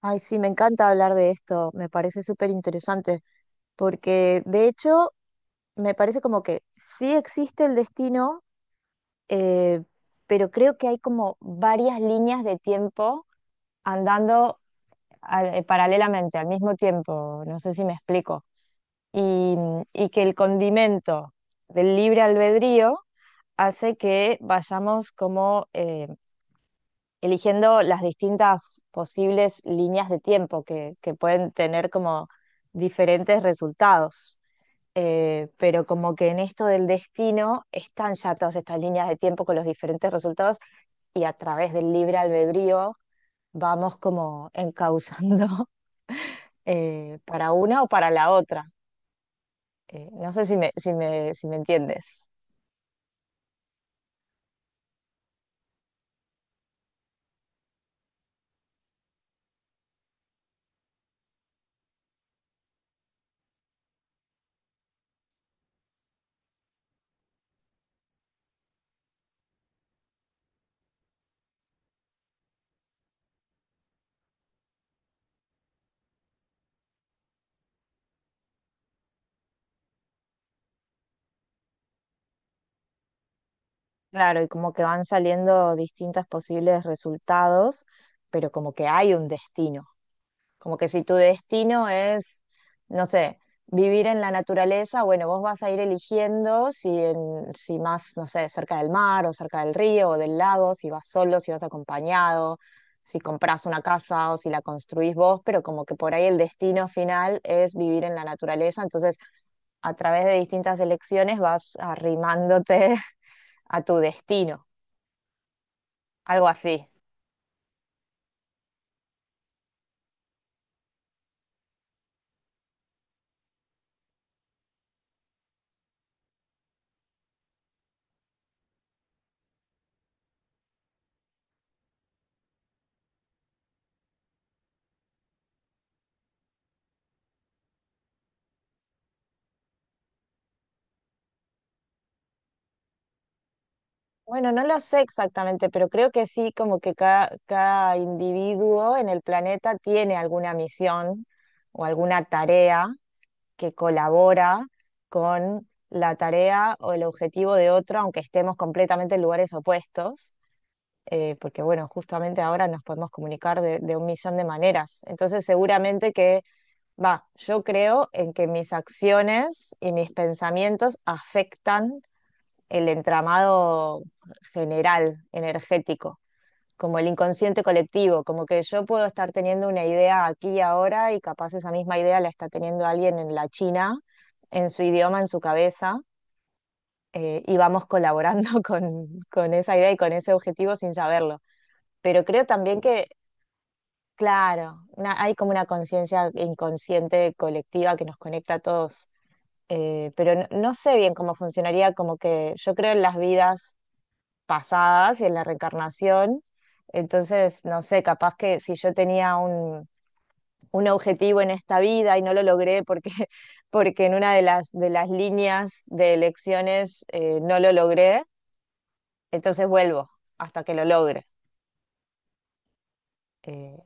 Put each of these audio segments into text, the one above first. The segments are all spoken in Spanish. Ay, sí, me encanta hablar de esto, me parece súper interesante, porque de hecho me parece como que sí existe el destino, eh, pero creo que hay como varias líneas de tiempo andando paralelamente, al mismo tiempo, no sé si me explico, y, y que el condimento del libre albedrío hace que vayamos como eligiendo las distintas posibles líneas de tiempo que pueden tener como diferentes resultados. Pero como que en esto del destino están ya todas estas líneas de tiempo con los diferentes resultados y a través del libre albedrío vamos como encauzando para una o para la otra. No sé si me entiendes. Claro, y como que van saliendo distintos posibles resultados, pero como que hay un destino. Como que si tu destino es, no sé, vivir en la naturaleza, bueno, vos vas a ir eligiendo si más, no sé, cerca del mar o cerca del río o del lago, si vas solo, si vas acompañado, si comprás una casa o si la construís vos, pero como que por ahí el destino final es vivir en la naturaleza. Entonces, a través de distintas elecciones vas arrimándote a tu destino, algo así. Bueno, no lo sé exactamente, pero creo que sí, como que cada individuo en el planeta tiene alguna misión o alguna tarea que colabora con la tarea o el objetivo de otro, aunque estemos completamente en lugares opuestos, porque bueno, justamente ahora nos podemos comunicar de un millón de maneras. Entonces, seguramente que va, yo creo en que mis acciones y mis pensamientos afectan el entramado general, energético, como el inconsciente colectivo, como que yo puedo estar teniendo una idea aquí y ahora y capaz esa misma idea la está teniendo alguien en la China, en su idioma, en su cabeza, y vamos colaborando con esa idea y con ese objetivo sin saberlo. Pero creo también que, claro, hay como una conciencia inconsciente colectiva que nos conecta a todos. Eh, pero no, no sé bien cómo funcionaría, como que yo creo en las vidas pasadas y en la reencarnación. Entonces, no sé, capaz que si yo tenía un objetivo en esta vida y no lo logré porque, porque en una de de las líneas de elecciones no lo logré, entonces vuelvo hasta que lo logre. Eh,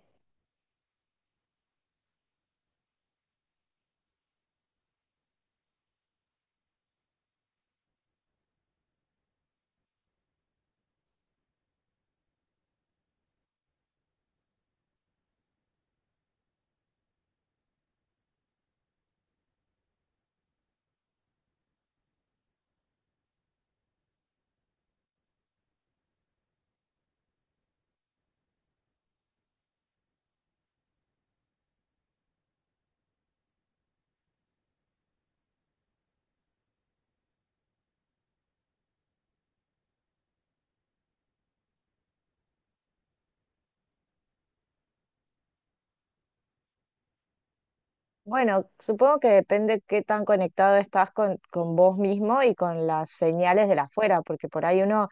bueno, supongo que depende qué tan conectado estás con vos mismo y con las señales de la afuera, porque por ahí uno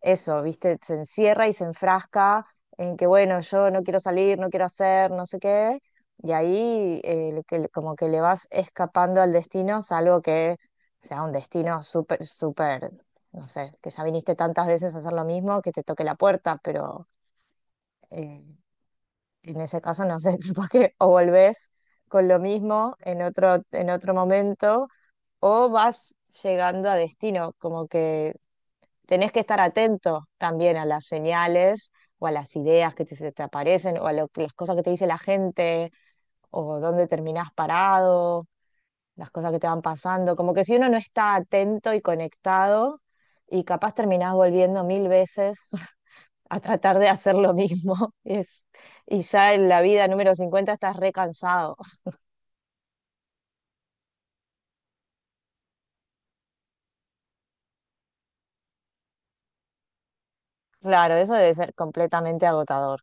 eso, ¿viste? Se encierra y se enfrasca en que, bueno, yo no quiero salir, no quiero hacer, no sé qué, y ahí como que le vas escapando al destino, salvo que sea un destino súper, súper, no sé, que ya viniste tantas veces a hacer lo mismo, que te toque la puerta, pero eh, en ese caso, no sé, capaz que o volvés con lo mismo en en otro momento, o vas llegando a destino, como que tenés que estar atento también a las señales o a las ideas que te, se te aparecen o a las cosas que te dice la gente o dónde terminás parado, las cosas que te van pasando. Como que si uno no está atento y conectado y capaz terminás volviendo mil veces a tratar de hacer lo mismo y ya en la vida número 50 estás recansado. Claro, eso debe ser completamente agotador.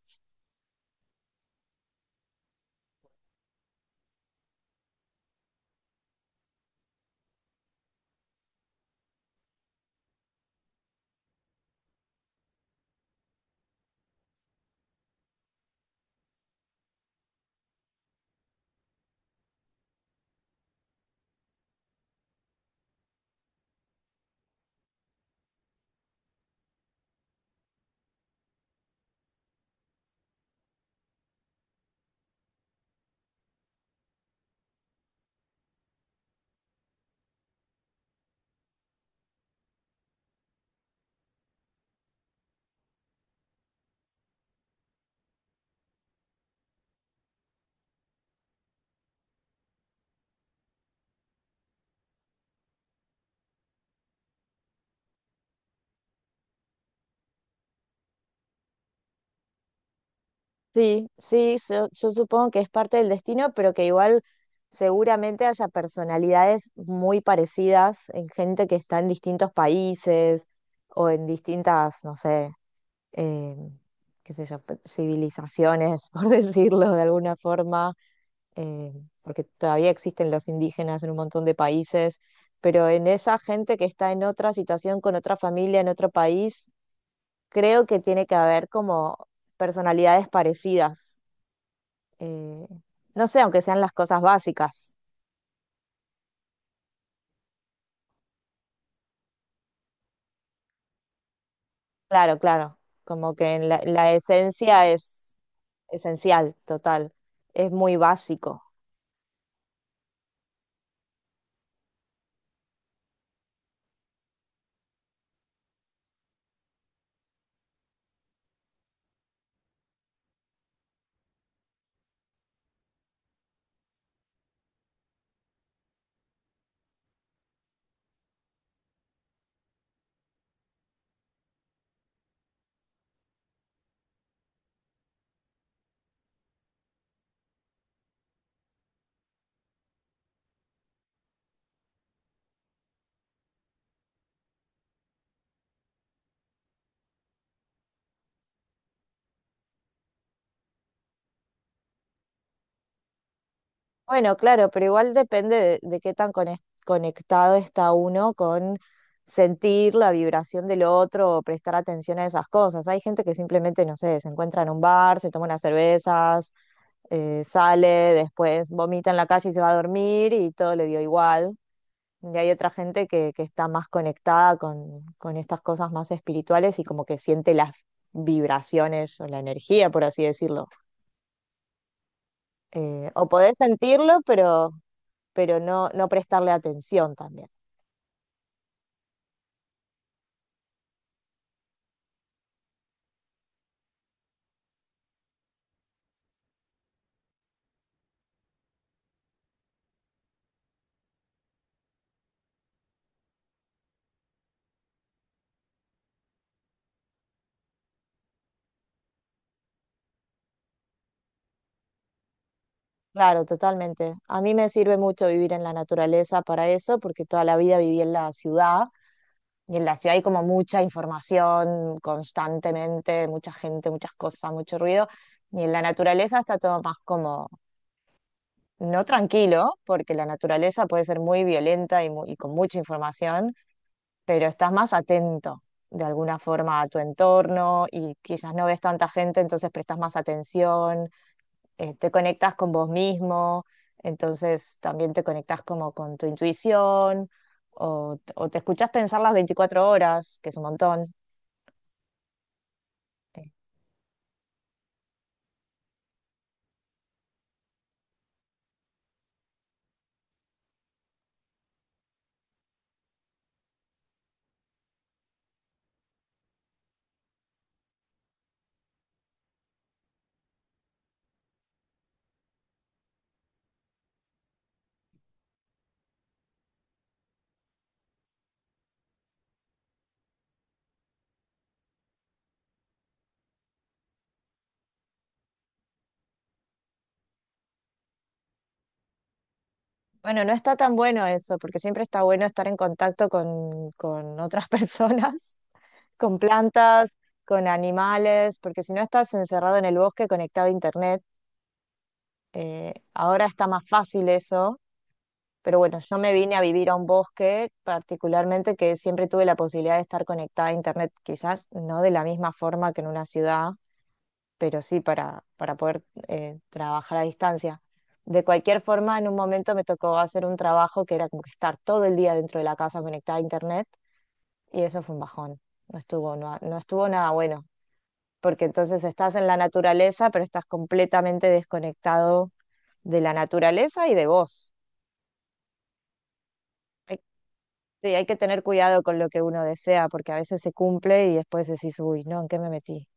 Sí, sí, yo supongo que es parte del destino, pero que igual seguramente haya personalidades muy parecidas en gente que está en distintos países o en distintas, no sé, eh, qué sé yo, civilizaciones, por decirlo de alguna forma, eh, porque todavía existen los indígenas en un montón de países, pero en esa gente que está en otra situación, con otra familia, en otro país, creo que tiene que haber como personalidades parecidas eh, no sé, aunque sean las cosas básicas. Claro, claro, como que en la esencia es esencial, total, es muy básico. Bueno, claro, pero igual depende de qué tan conectado está uno con sentir la vibración del otro o prestar atención a esas cosas. Hay gente que simplemente, no sé, se encuentra en un bar, se toma unas cervezas, sale, después vomita en la calle y se va a dormir y todo le dio igual. Y hay otra gente que está más conectada con estas cosas más espirituales y como que siente las vibraciones o la energía, por así decirlo. O podés sentirlo, pero no prestarle atención también. Claro, totalmente. A mí me sirve mucho vivir en la naturaleza para eso, porque toda la vida viví en la ciudad y en la ciudad hay como mucha información constantemente, mucha gente, muchas cosas, mucho ruido. Y en la naturaleza está todo más como no tranquilo, porque la naturaleza puede ser muy violenta y con mucha información, pero estás más atento de alguna forma a tu entorno y quizás no ves tanta gente, entonces prestas más atención, te conectas con vos mismo, entonces también te conectas como con tu intuición o te escuchas pensar las 24 horas, que es un montón. Eh, Bueno, no está tan bueno eso, porque siempre está bueno estar en contacto con otras personas con plantas, con animales, porque si no estás encerrado en el bosque conectado a internet, ahora está más fácil eso, pero bueno, yo me vine a vivir a un bosque particularmente que siempre tuve la posibilidad de estar conectada a internet, quizás no de la misma forma que en una ciudad, pero sí para poder trabajar a distancia. De cualquier forma, en un momento me tocó hacer un trabajo que era como que estar todo el día dentro de la casa conectada a internet y eso fue un bajón. No estuvo nada bueno. Porque entonces estás en la naturaleza, pero estás completamente desconectado de la naturaleza y de vos. Hay, sí, hay que tener cuidado con lo que uno desea, porque a veces se cumple y después decís, uy, no, ¿en qué me metí?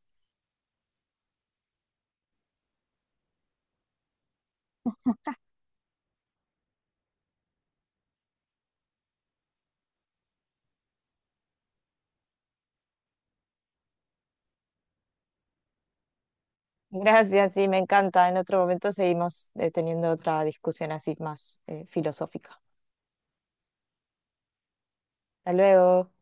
Gracias, sí, me encanta. En otro momento seguimos teniendo otra discusión así más filosófica. Hasta luego.